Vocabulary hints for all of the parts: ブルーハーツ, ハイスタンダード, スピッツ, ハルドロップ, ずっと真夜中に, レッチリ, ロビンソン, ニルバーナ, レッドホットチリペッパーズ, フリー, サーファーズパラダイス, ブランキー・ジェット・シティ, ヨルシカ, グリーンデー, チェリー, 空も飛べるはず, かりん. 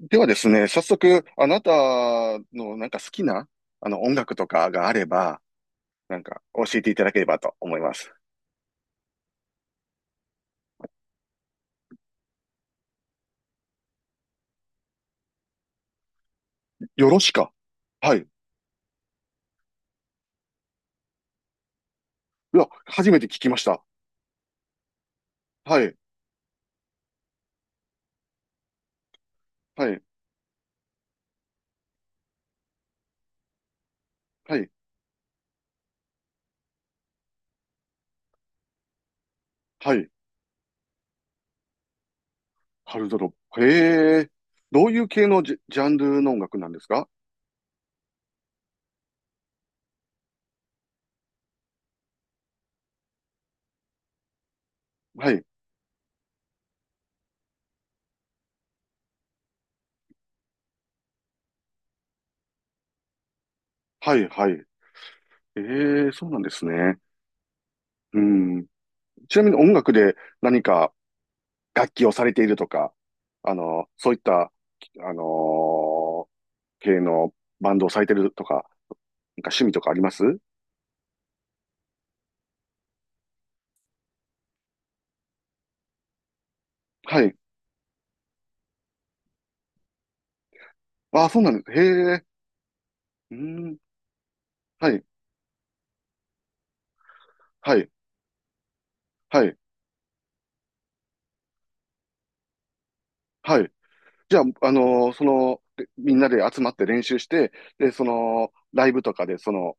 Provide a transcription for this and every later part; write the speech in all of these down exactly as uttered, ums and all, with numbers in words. ではですね、早速、あなたのなんか好きな、あの音楽とかがあれば、なんか教えていただければと思います。よろしか。はい。いや、初めて聞きました。はい。はい。はい。はい。ハルドロップ。へえ。どういう系のジャ、ジャンルの音楽なんですか？はい。はい。はい。ええ、そうなんですね。うん。ちなみに音楽で何か楽器をされているとか、あの、そういった、あの系のバンドをされてるとか、なんか趣味とかあります？はい。ああ、そうなんです。へえ。うーん。はい。はい。はい。はい。じゃあ、あのーその、でみんなで集まって練習して、で、その、ライブとかで、その、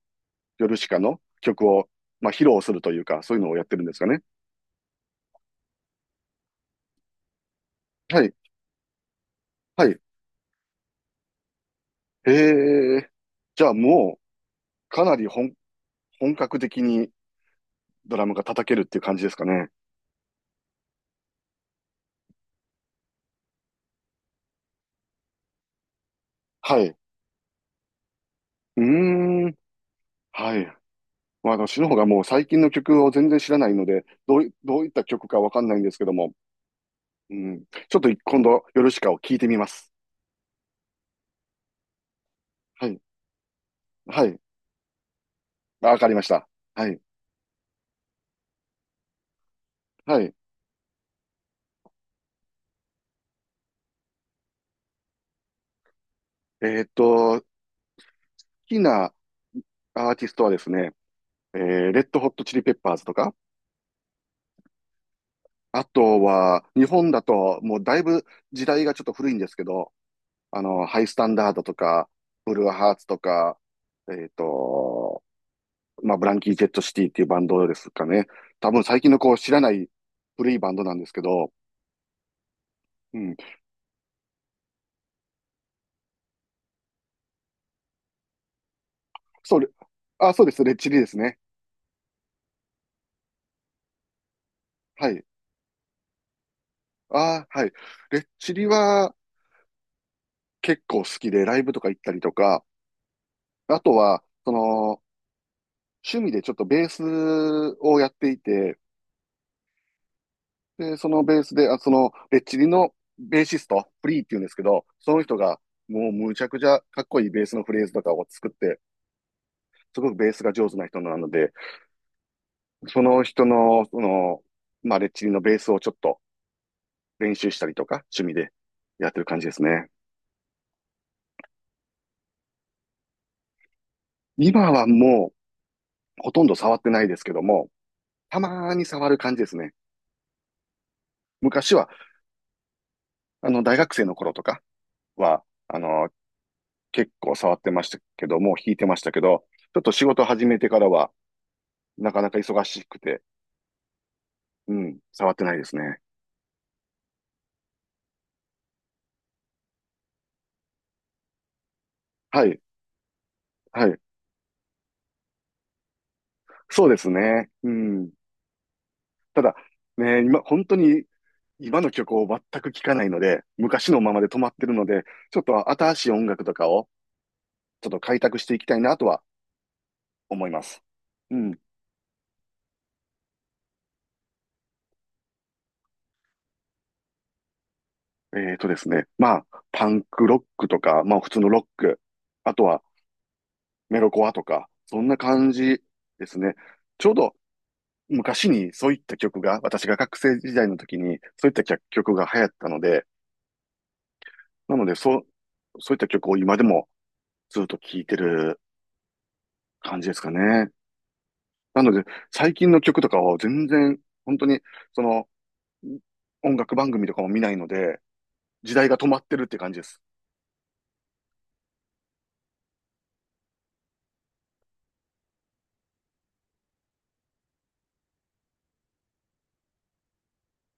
ヨルシカの曲を、まあ、披露するというか、そういうのをやってるんですかね。はい。はい。へえ。じゃあ、もう、かなり本、本格的にドラムが叩けるっていう感じですかね。はい。うーん。はい。まあ、私の方がもう最近の曲を全然知らないので、どうい、どういった曲かわかんないんですけども、うん。ちょっと今度、ヨルシカを聞いてみます。はい。はい。わかりました。はい。はい。えーっと、好きなアーティストはですね、えー、レッドホットチリペッパーズとか、あとは、日本だと、もうだいぶ時代がちょっと古いんですけど、あの、ハイスタンダードとか、ブルーハーツとか、えーっと、まあ、ブランキー・ジェット・シティっていうバンドですかね。多分最近のこう知らない古いバンドなんですけど、うん。そう、あ、そうです。レッチリですね。はい。あー、はい。レッチリは結構好きで、ライブとか行ったりとか、あとは、その、趣味でちょっとベースをやっていて、で、そのベースで、あ、その、レッチリのベーシスト、フリーっていうんですけど、その人が、もうむちゃくちゃかっこいいベースのフレーズとかを作って、すごくベースが上手な人なので、その人の、その、まあ、レッチリのベースをちょっと練習したりとか、趣味でやってる感じですね。今はもう、ほとんど触ってないですけども、たまーに触る感じですね。昔は、あの、大学生の頃とかは、あの、結構触ってましたけども、弾いてましたけど、ちょっと仕事始めてからは、なかなか忙しくて、うん、触ってないですね。はい、はい。そうですね。うん。ただ、ね、今、本当に今の曲を全く聴かないので、昔のままで止まってるので、ちょっと新しい音楽とかをちょっと開拓していきたいなとは思います。うん。えーとですね。まあ、パンクロックとか、まあ普通のロック、あとはメロコアとか、そんな感じですね。ちょうど昔にそういった曲が、私が学生時代の時にそういった曲曲が流行ったので、なのでそう、そういった曲を今でもずっと聴いてる感じですかね。なので、最近の曲とかは全然、本当に、その、音楽番組とかも見ないので、時代が止まってるって感じです。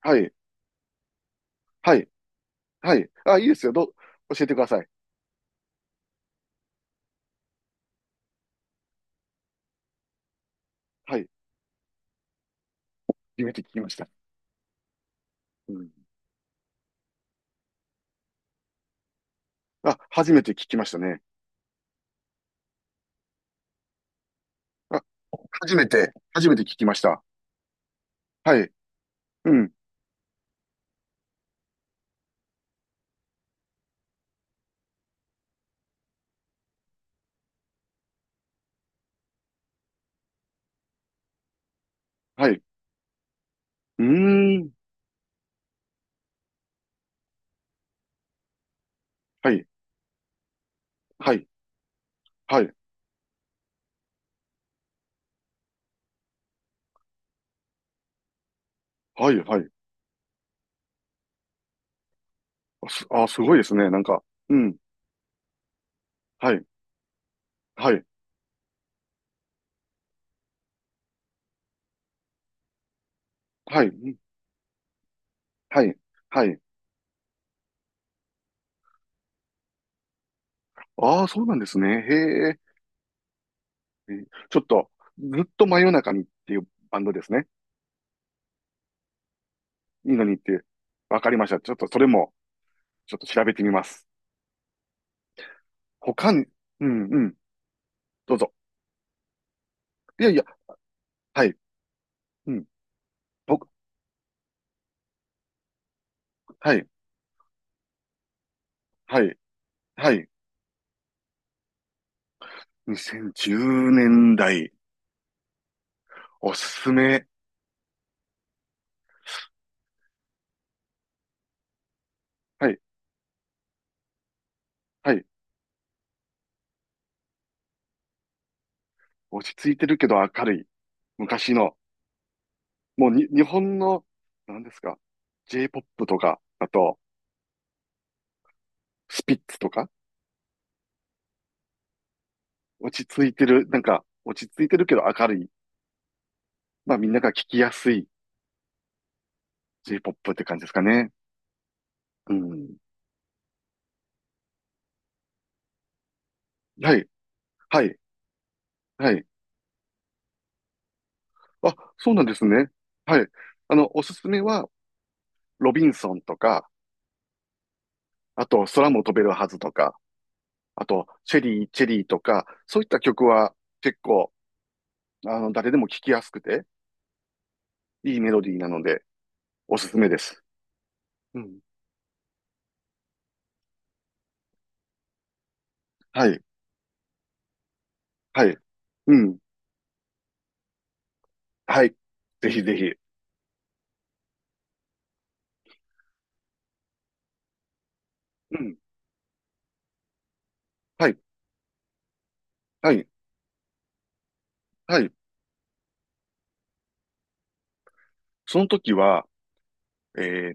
はい、はい、はい。あ、いいですよ。どう、教えてください。はい。初めて聞きました。うん。あ、初めて聞きましたね。あ、初めて、初めて聞きました。はい、うん、はい。うーん、はい、はい、はい、はい、はい。あ、す、あ、すごいですね。なんか、うん、はい、はい、はい、うんはい、はい。ああ、そうなんですね。へえ。えーちょっと、ずっと真夜中にっていうバンドですね。いいのにって。わかりました。ちょっとそれも、ちょっと調べてみます。他に、うんうん、どうぞ。いやいや、はい、うん、僕、はい、はい、はい。にせんじゅうねんだい、おすすめ。はい、はい。落ち着いてるけど明るい。昔の、もうに、日本の、何ですか、J-ポップ とか、あと、スピッツとか、落ち着いてる、なんか、落ち着いてるけど明るい。まあみんなが聞きやすい J-ポップ って感じですかね。うん。はい、はい、はい。あ、そうなんですね。はい。あの、おすすめは、ロビンソンとか、あと、空も飛べるはずとか、あと、チェリー、チェリーとか、そういった曲は結構、あの、誰でも聴きやすくて、いいメロディーなので、おすすめです。うん。はい、はい。うん。はい。ぜひぜひ。うん。はい、はい、はい。その時は、えー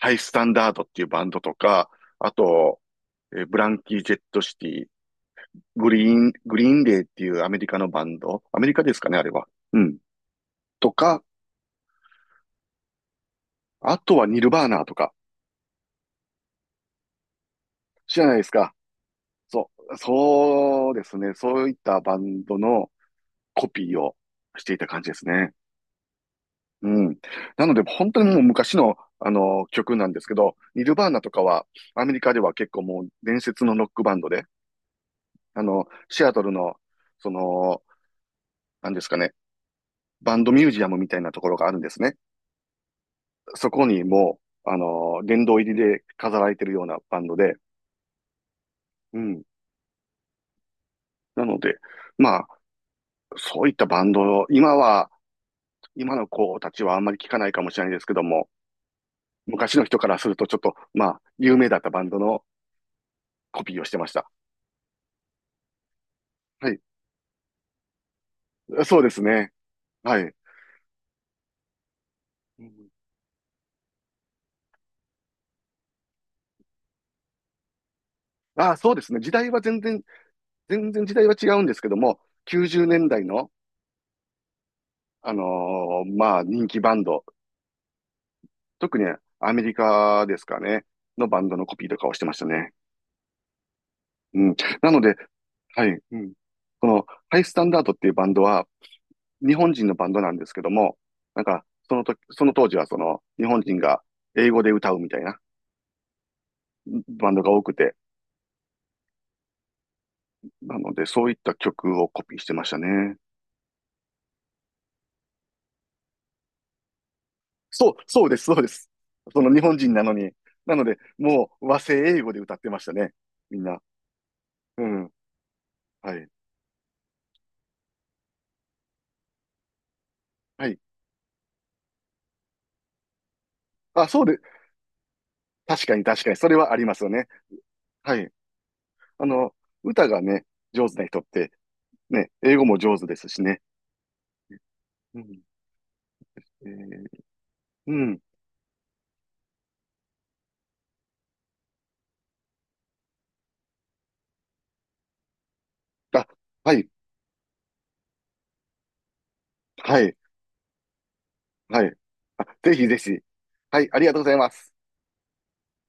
ハイスタンダードっていうバンドとか、あと、えーブランキー・ジェット・シティ、グリーン、グリーンデーっていうアメリカのバンド、アメリカですかね、あれは。うん。とか、あとはニルバーナーとか、知らないですか。そう、そうですね。そういったバンドのコピーをしていた感じですね。うん。なので、本当にもう昔の、あの、曲なんですけど、ニルバーナとかは、アメリカでは結構もう伝説のロックバンドで、あの、シアトルの、その、なんですかね、バンドミュージアムみたいなところがあるんですね。そこにもう、あの、殿堂入りで飾られてるようなバンドで、うん。なので、まあ、そういったバンドを、今は、今の子たちはあんまり聞かないかもしれないですけども、昔の人からするとちょっと、まあ、有名だったバンドのコピーをしてました。はい。そうですね。はい。うんああ、そうですね。時代は全然、全然時代は違うんですけども、きゅうじゅうねんだいの、あのーまあ、人気バンド、特にアメリカですかね、のバンドのコピーとかをしてましたね。うん。なので、はい。うん。この、ハイスタンダードっていうバンドは、日本人のバンドなんですけども、なんか、その時、その当時はその、日本人が英語で歌うみたいなバンドが多くて、なので、そういった曲をコピーしてましたね。そう、そうです、そうです。その日本人なのに。なので、もう和製英語で歌ってましたね。みんな。うん。はい。はい。あ、そうで、確かに確かに、それはありますよね。はい。あの、歌がね、上手な人って、ね、英語も上手ですしね。うん。えー、うん。あ、はい、はい、はい。あ、ぜひぜひ。はい、ありがとうございます。